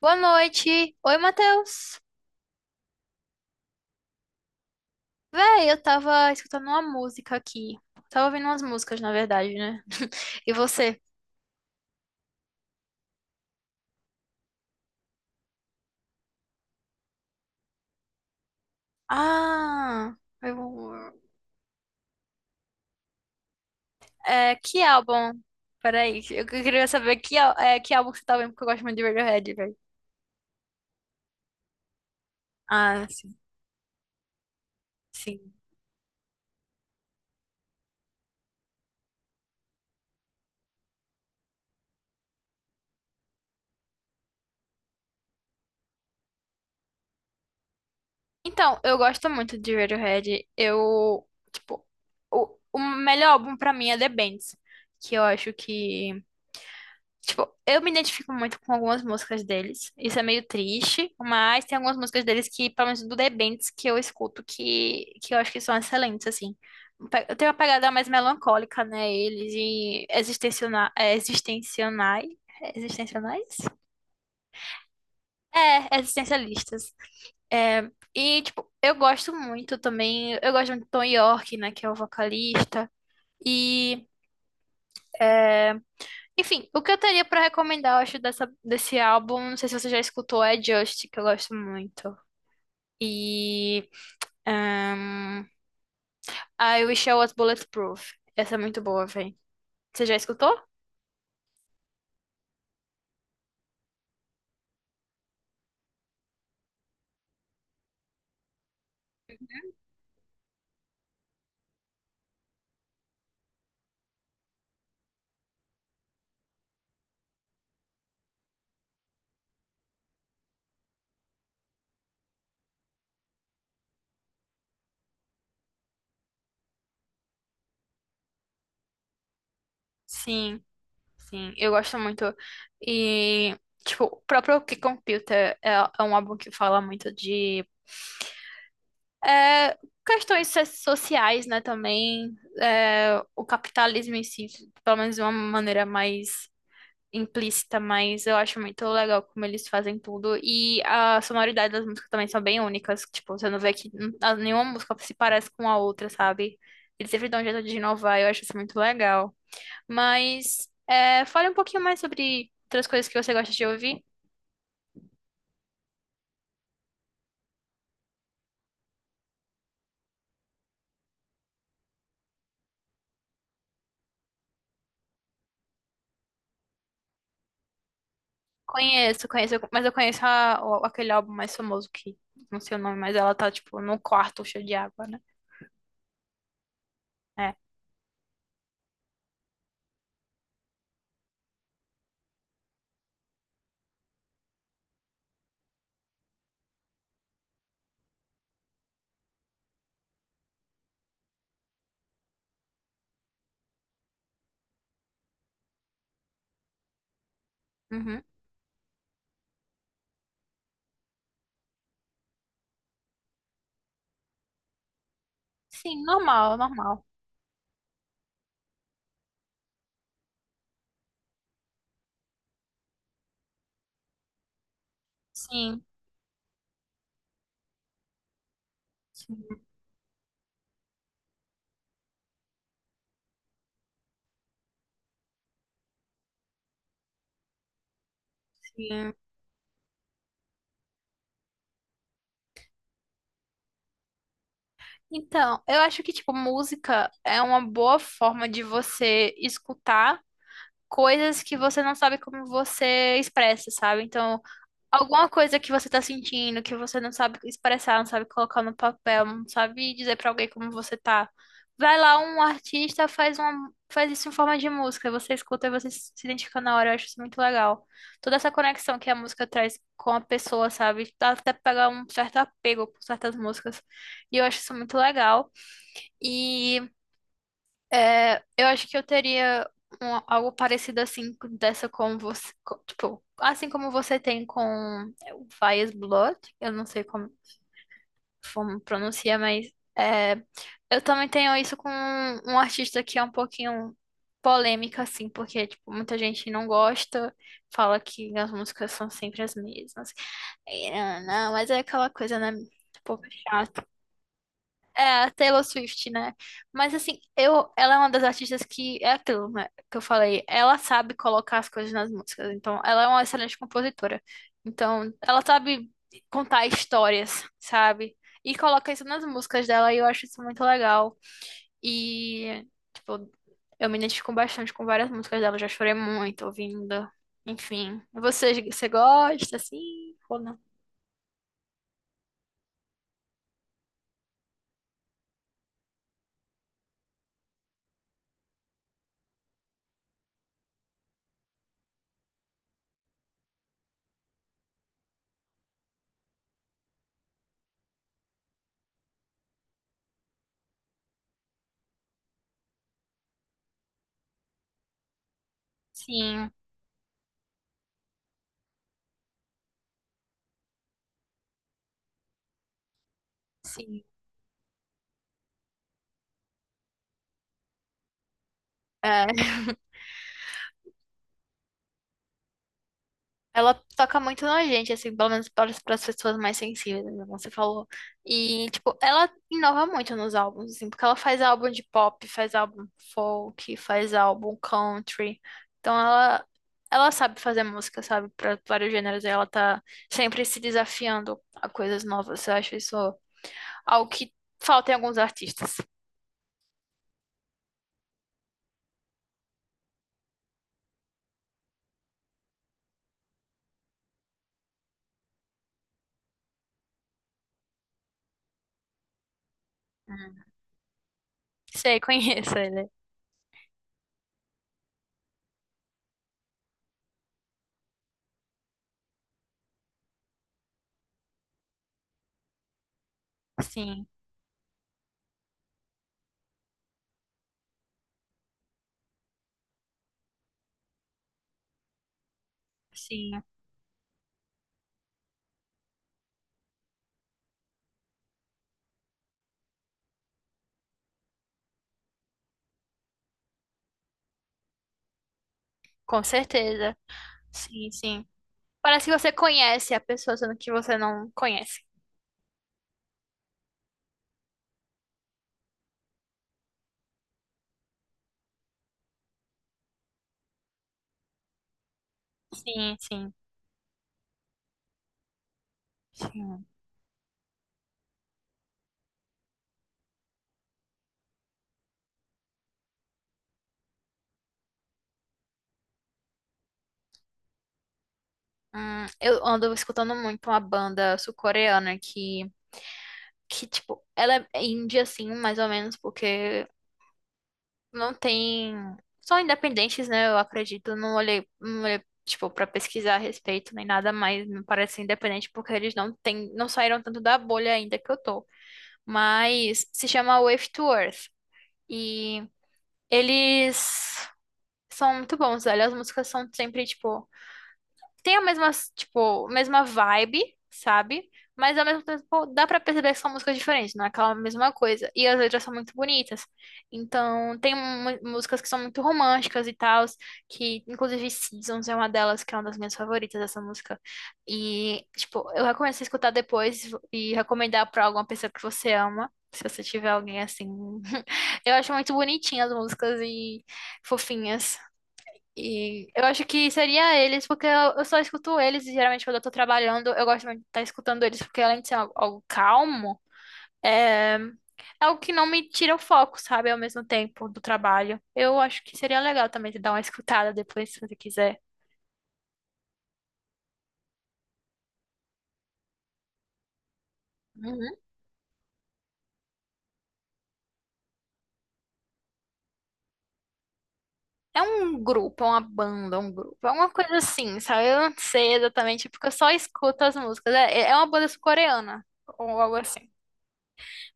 Boa noite. Oi, Matheus. Véi, eu tava escutando uma música aqui. Tava ouvindo umas músicas, na verdade, né? E você? Ah, eu... é, que álbum? Peraí, eu queria saber é, que álbum que você tá ouvindo, porque eu gosto muito de Radiohead, velho. Ah, sim. Então, eu gosto muito de Radiohead. Tipo, o melhor álbum pra mim é The Bends, que eu acho que tipo, eu me identifico muito com algumas músicas deles. Isso é meio triste, mas tem algumas músicas deles que, pelo menos do The Bends, que eu escuto que eu acho que são excelentes, assim. Eu tenho uma pegada mais melancólica, né? Eles e existenciona- é, existencionai, é existencionais? É, existencialistas. Tipo, eu gosto muito também. Eu gosto muito do Tom York, né? Que é o vocalista. E enfim, o que eu teria pra recomendar, eu acho, desse álbum, não sei se você já escutou, é Just, que eu gosto muito. E ahn, I Wish I Was Bulletproof. Essa é muito boa, véi. Você já escutou? Sim, sim, eu gosto muito. E, tipo, o próprio Key Computer é um álbum que fala muito de é, sociais, né, também. É, o capitalismo em si, pelo menos de uma maneira mais implícita, mas eu acho muito legal como eles fazem tudo. E a sonoridade das músicas também são bem únicas. Tipo, você não vê nenhuma música se parece com a outra, sabe? Eles sempre dão um jeito de inovar, eu acho isso muito legal. Mas é, fale um pouquinho mais sobre outras coisas que você gosta de ouvir. Conheço, conheço, mas eu conheço aquele álbum mais famoso que não sei o nome, mas ela tá, tipo, num quarto cheio de água, né? É. Uhum. Sim, normal, normal. Sim, sim, sim. Então, eu acho que, tipo, música é uma boa forma de você escutar coisas que você não sabe como você expressa, sabe? Então, alguma coisa que você tá sentindo, que você não sabe expressar, não sabe colocar no papel, não sabe dizer pra alguém como você tá. Vai lá, um artista faz isso em forma de música, você escuta e você se identifica na hora, eu acho isso muito legal. Toda essa conexão que a música traz com a pessoa, sabe? Dá até pra pegar um certo apego por certas músicas. E eu acho isso muito legal. E é, eu acho que eu teria algo parecido assim, com- dessa com você, co- tipo, assim como você tem com é, o Fias Blood, eu não sei como, como pronuncia, mas é, eu também tenho isso com um artista que é um pouquinho polêmica, assim, porque, tipo, muita gente não gosta, fala que as músicas são sempre as mesmas. E, ah, não, mas é aquela coisa, né? Tipo, é, a Taylor Swift, né? Mas assim, eu, ela é uma das artistas que é aquilo, né? Que eu falei, ela sabe colocar as coisas nas músicas. Então, ela é uma excelente compositora. Então, ela sabe contar histórias, sabe? E coloca isso nas músicas dela e eu acho isso muito legal. E, tipo, eu me identifico bastante com várias músicas dela, já chorei muito ouvindo. Enfim, você gosta assim ou não? Sim, sim. É. Ela toca muito na gente, assim, pelo menos para as pessoas mais sensíveis, né, como você falou. E, tipo, ela inova muito nos álbuns, assim, porque ela faz álbum de pop, faz álbum folk, faz álbum country. Então, ela sabe fazer música, sabe, para vários gêneros. E ela tá sempre se desafiando a coisas novas. Eu acho isso algo que falta em alguns artistas. Hum. Sei, conheço ele. Sim, sim, com certeza. Sim, sim. Parece que você conhece a pessoa, sendo que você não conhece. Sim, sim, sim. Eu ando escutando muito uma banda sul-coreana que, tipo, ela é indie, assim, mais ou menos, porque não tem... São independentes, né? Eu acredito. Não olhei, não olhei, tipo, pra pesquisar a respeito nem nada, mas me parece independente porque eles não têm, não saíram tanto da bolha ainda que eu tô. Mas se chama Wave to Earth. E eles são muito bons, velho. As músicas são sempre, tipo, tem a mesma, tipo, mesma vibe, sabe? Mas ao mesmo tempo dá pra perceber que são músicas diferentes, não é aquela mesma coisa. E as letras são muito bonitas. Então, músicas que são muito românticas e tal, que inclusive Seasons é uma delas, que é uma das minhas favoritas essa música. E, tipo, eu recomendo você escutar depois e recomendar pra alguma pessoa que você ama. Se você tiver alguém assim. Eu acho muito bonitinhas as músicas e fofinhas. E eu acho que seria eles, porque eu só escuto eles, e geralmente quando eu tô trabalhando, eu gosto muito de estar escutando eles, porque além de ser algo calmo, é algo que não me tira o foco, sabe? Ao mesmo tempo do trabalho. Eu acho que seria legal também você dar uma escutada depois, se você quiser. Uhum. É um grupo, é uma banda, é um grupo, é uma coisa assim, sabe? Eu não sei exatamente, porque eu só escuto as músicas. É, é uma banda sul-coreana, ou algo assim.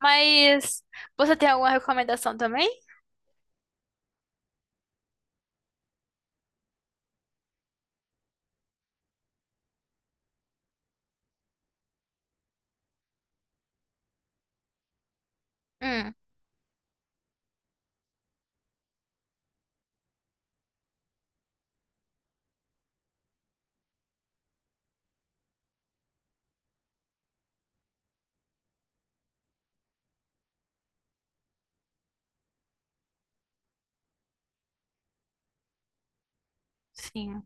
Mas você tem alguma recomendação também? Hum, sim.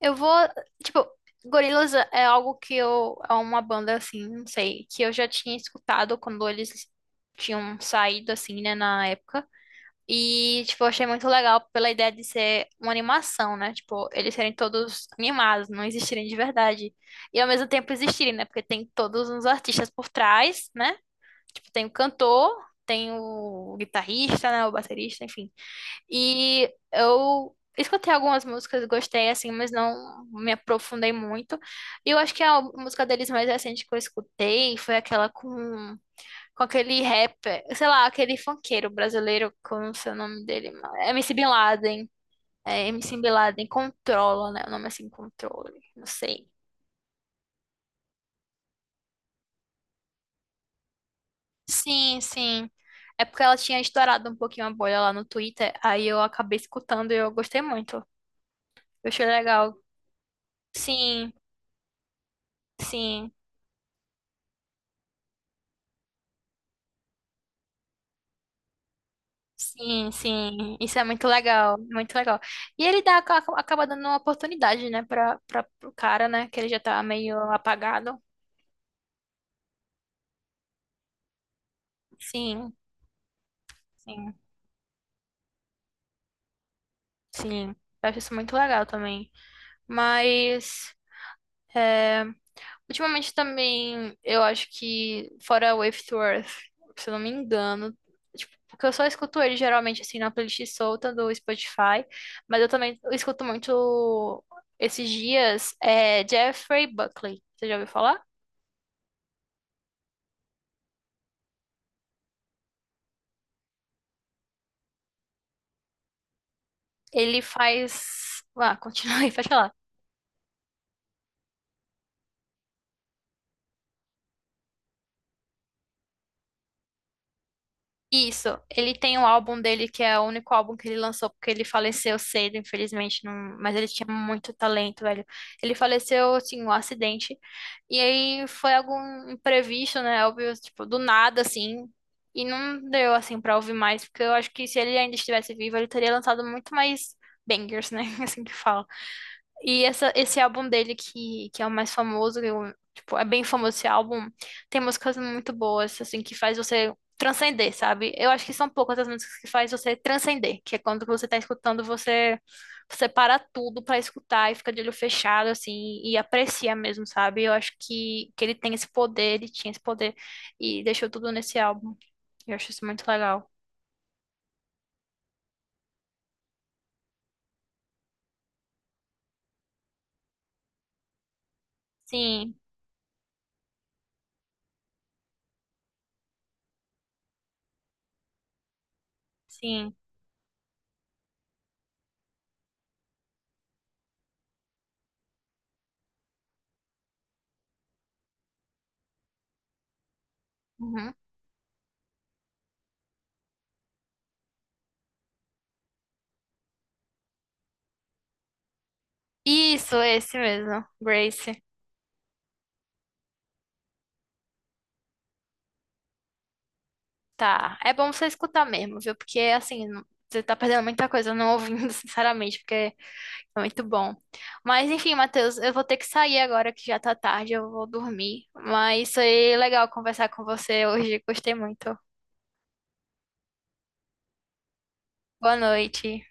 Eu vou, tipo, Gorillaz é algo que eu, é uma banda assim, não sei, que eu já tinha escutado quando eles tinham saído assim, né, na época. E, tipo, eu achei muito legal pela ideia de ser uma animação, né? Tipo, eles serem todos animados, não existirem de verdade. E ao mesmo tempo existirem, né? Porque tem todos os artistas por trás, né? Tipo, tem o cantor, tem o guitarrista, né? O baterista, enfim. E eu escutei algumas músicas, gostei assim, mas não me aprofundei muito. E eu acho que a música deles mais recente que eu escutei foi aquela com aquele rapper, sei lá, aquele funkeiro brasileiro, que eu não sei o nome dele, mas- MC Bin Laden. É, MC Bin Laden, Controla, né? O nome é assim, Controle, não sei. Sim, sim. É porque ela tinha estourado um pouquinho a bolha lá no Twitter, aí eu acabei escutando e eu gostei muito. Eu achei legal. Sim, sim. Sim, sim, isso é muito legal, muito legal. E ele dá, acaba dando uma oportunidade, né, para o cara, né, que ele já tá meio apagado. Sim, sim, sim. Eu acho isso muito legal também. Mas ultimamente também eu acho que fora Wave to Earth, se eu não me engano, tipo, porque eu só escuto ele geralmente assim na playlist solta do Spotify, mas eu também escuto muito esses dias é Jeffrey Buckley. Você já ouviu falar? Ele faz. Ah, continua aí, pode falar. Isso, ele tem um álbum dele que é o único álbum que ele lançou, porque ele faleceu cedo, infelizmente, não- mas ele tinha muito talento, velho. Ele faleceu, assim, um acidente, e aí foi algum imprevisto, né, óbvio, tipo, do nada, assim, e não deu, assim, pra ouvir mais, porque eu acho que se ele ainda estivesse vivo, ele teria lançado muito mais bangers, né, assim que fala. E esse álbum dele que é o mais famoso, eu- tipo, é bem famoso esse álbum, tem músicas muito boas, assim, que faz você transcender, sabe? Eu acho que são poucas as músicas que faz você transcender, que é quando você tá escutando, você para tudo pra escutar e fica de olho fechado, assim, e aprecia mesmo, sabe? Eu acho que ele tem esse poder, ele tinha esse poder, e deixou tudo nesse álbum. Eu acho isso muito legal. Sim, sim. Uhum. Isso, esse mesmo, Grace. Tá, é bom você escutar mesmo, viu? Porque assim, não- você tá perdendo muita coisa não ouvindo, sinceramente, porque é muito bom. Mas enfim, Matheus, eu vou ter que sair agora que já tá tarde, eu vou dormir. Mas foi legal conversar com você hoje, gostei muito. Boa noite.